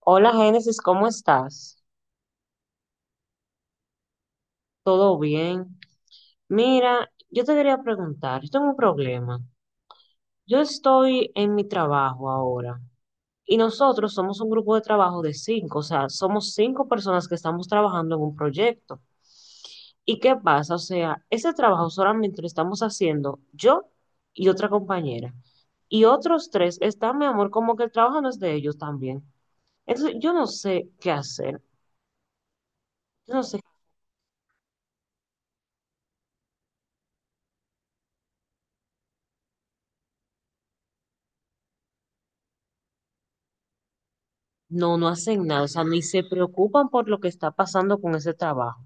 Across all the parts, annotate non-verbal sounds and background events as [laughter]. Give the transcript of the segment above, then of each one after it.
Hola Génesis, ¿cómo estás? ¿Todo bien? Mira, yo te quería preguntar, yo tengo un problema. Yo estoy en mi trabajo ahora y nosotros somos un grupo de trabajo de cinco, o sea, somos cinco personas que estamos trabajando en un proyecto. ¿Y qué pasa? O sea, ese trabajo solamente lo estamos haciendo yo y otra compañera. Y otros tres están, mi amor, como que el trabajo no es de ellos también. Entonces, yo no sé qué hacer. Yo no sé. No, no hacen nada, o sea, ni se preocupan por lo que está pasando con ese trabajo.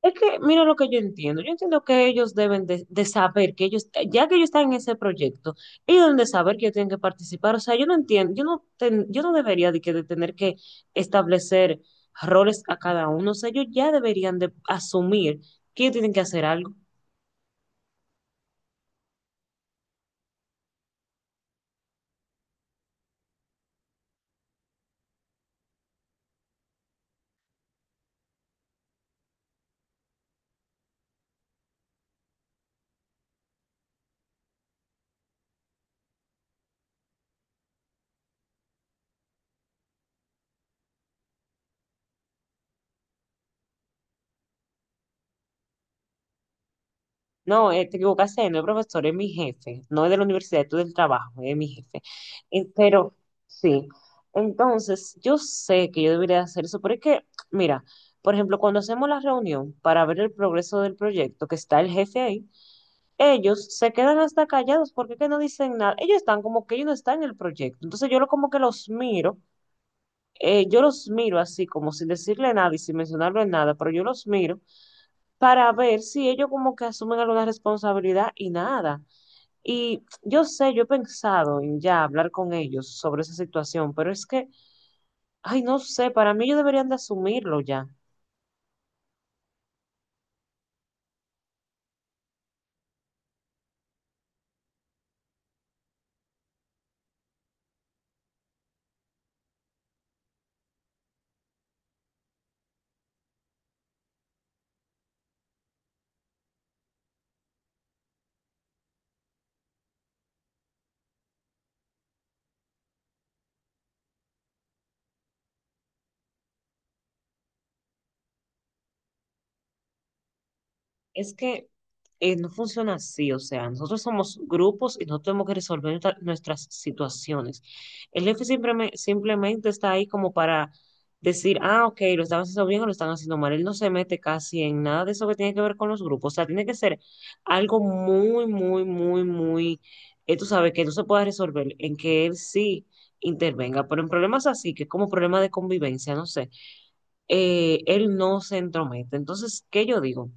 Es que, mira lo que yo entiendo que ellos deben de saber que ellos, ya que ellos están en ese proyecto, ellos deben de saber que ellos tienen que participar, o sea, yo no entiendo, yo no debería de tener que establecer roles a cada uno, o sea, ellos ya deberían de asumir que ellos tienen que hacer algo. No, te equivocaste, no el profesor, es mi jefe, no es de la universidad, es del trabajo, es mi jefe. Pero sí, entonces yo sé que yo debería hacer eso, pero es que, mira, por ejemplo, cuando hacemos la reunión para ver el progreso del proyecto, que está el jefe ahí, ellos se quedan hasta callados porque es que no dicen nada, ellos están como que ellos no están en el proyecto, entonces yo lo, como que los miro, así como sin decirle nada y sin mencionarlo en nada, pero yo los miro para ver si ellos como que asumen alguna responsabilidad y nada. Y yo sé, yo he pensado en ya hablar con ellos sobre esa situación, pero es que, ay, no sé, para mí ellos deberían de asumirlo ya. Es que no funciona así, o sea, nosotros somos grupos y nosotros tenemos que resolver nuestras situaciones. El jefe simplemente está ahí como para decir, ah, ok, lo están haciendo bien o lo están haciendo mal. Él no se mete casi en nada de eso que tiene que ver con los grupos. O sea, tiene que ser algo muy, muy, muy, muy, tú sabes, que no se pueda resolver, en que él sí intervenga. Pero en problemas así, que es como problema de convivencia, no sé, él no se entromete. Entonces, ¿qué yo digo?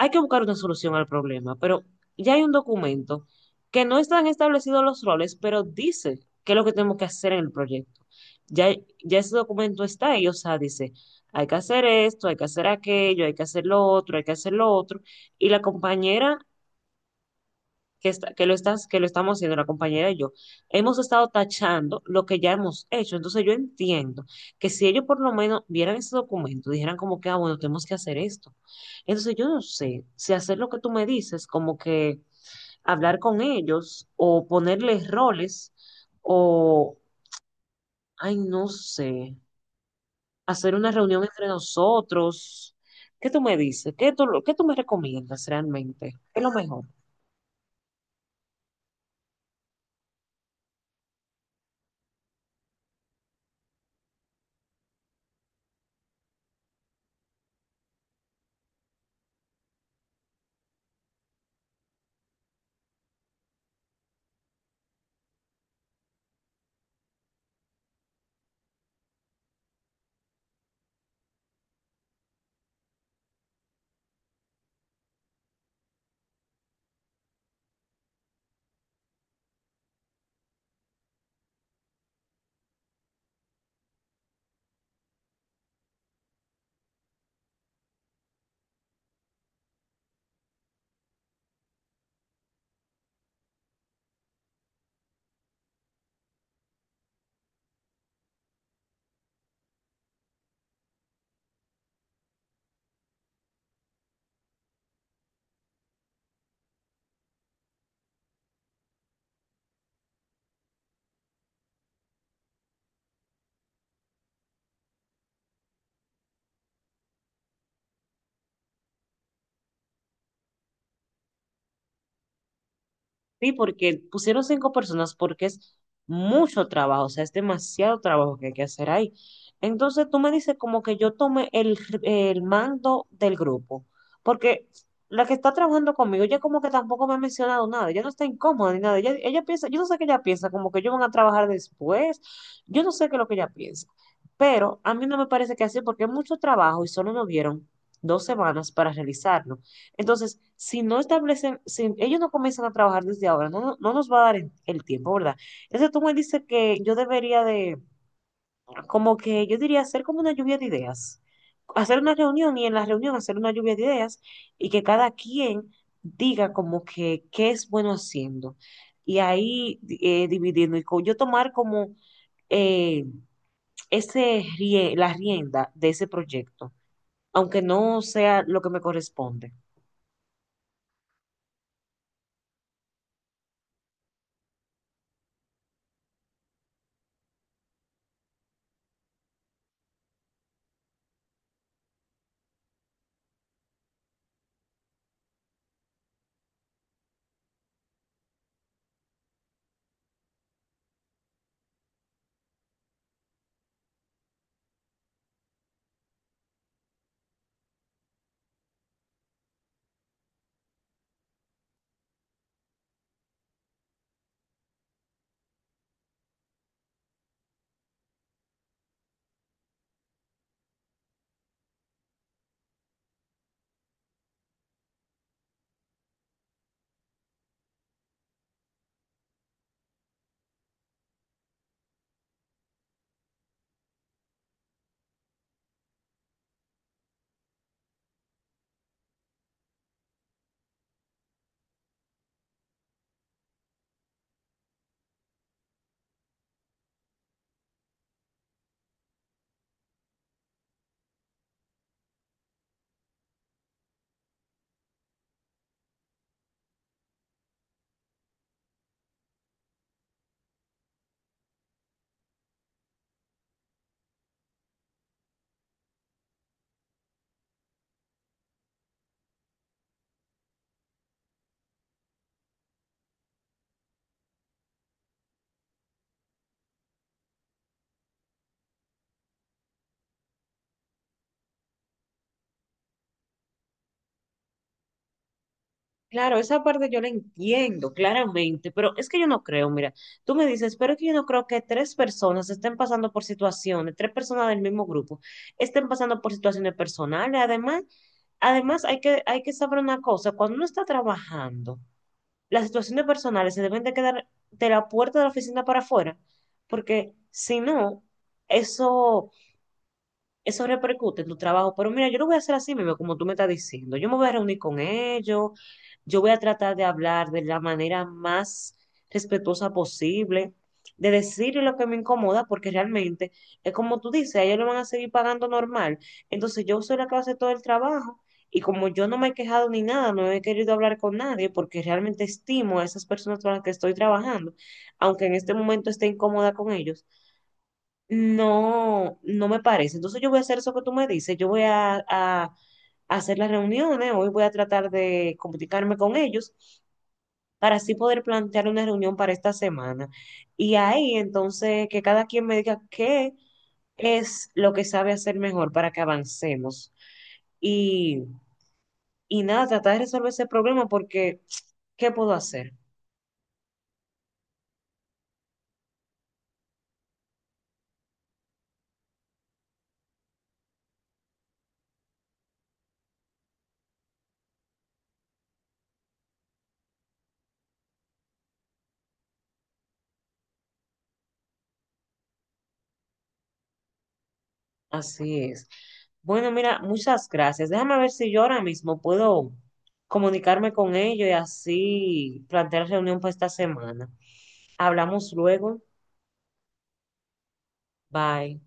Hay que buscar una solución al problema, pero ya hay un documento que no están establecidos los roles, pero dice qué es lo que tenemos que hacer en el proyecto. Ya, ya ese documento está ahí, o sea, dice, hay que hacer esto, hay que hacer aquello, hay que hacer lo otro, hay que hacer lo otro. Y la compañera que, está- que lo estás, que lo estamos haciendo la compañera y yo, hemos estado tachando lo que ya hemos hecho. Entonces yo entiendo que si ellos por lo menos vieran ese documento, dijeran como que, ah, bueno, tenemos que hacer esto. Entonces yo no sé si hacer lo que tú me dices, como que hablar con ellos o ponerles roles o, ay, no sé, hacer una reunión entre nosotros. ¿Qué tú me dices? ¿Qué tú me recomiendas realmente? ¿Qué es lo mejor? Sí, porque pusieron cinco personas porque es mucho trabajo, o sea, es demasiado trabajo que hay que hacer ahí. Entonces tú me dices como que yo tome el mando del grupo, porque la que está trabajando conmigo, ella como que tampoco me ha mencionado nada, ella no está incómoda ni nada, ella piensa, yo no sé qué ella piensa, como que ellos van a trabajar después, yo no sé qué es lo que ella piensa, pero a mí no me parece que así porque es mucho trabajo y solo nos dieron 2 semanas para realizarlo. Entonces, si no establecen, si ellos no comienzan a trabajar desde ahora, no nos va a dar el tiempo, ¿verdad? Entonces tú me dices que yo debería de, como que yo diría hacer como una lluvia de ideas, hacer una reunión y en la reunión hacer una lluvia de ideas y que cada quien diga como que qué es bueno haciendo. Y ahí dividiendo y yo tomar como eh, la rienda de ese proyecto, aunque no sea lo que me corresponde. Claro, esa parte yo la entiendo claramente, pero es que yo no creo, mira, tú me dices, pero es que yo no creo que tres personas estén pasando por situaciones, tres personas del mismo grupo estén pasando por situaciones personales. Además, hay que saber una cosa, cuando uno está trabajando, las situaciones personales se deben de quedar de la puerta de la oficina para afuera, porque si no, eso eso repercute en tu trabajo, pero mira, yo lo voy a hacer así mismo, como tú me estás diciendo. Yo me voy a reunir con ellos, yo voy a tratar de hablar de la manera más respetuosa posible, de decirle lo que me incomoda, porque realmente es como tú dices, a ellos lo van a seguir pagando normal. Entonces yo soy la que hace todo el trabajo. Y como yo no me he quejado ni nada, no he querido hablar con nadie porque realmente estimo a esas personas con las que estoy trabajando, aunque en este momento esté incómoda con ellos no, no me parece. Entonces yo voy a hacer eso que tú me dices. Yo voy a hacer las reuniones, hoy voy a tratar de comunicarme con ellos para así poder plantear una reunión para esta semana. Y ahí entonces que cada quien me diga qué es lo que sabe hacer mejor para que avancemos. Y, y nada, tratar de resolver ese problema porque [tsk] ¿qué puedo hacer? Así es. Bueno, mira, muchas gracias. Déjame ver si yo ahora mismo puedo comunicarme con ellos y así plantear reunión para esta semana. Hablamos luego. Bye.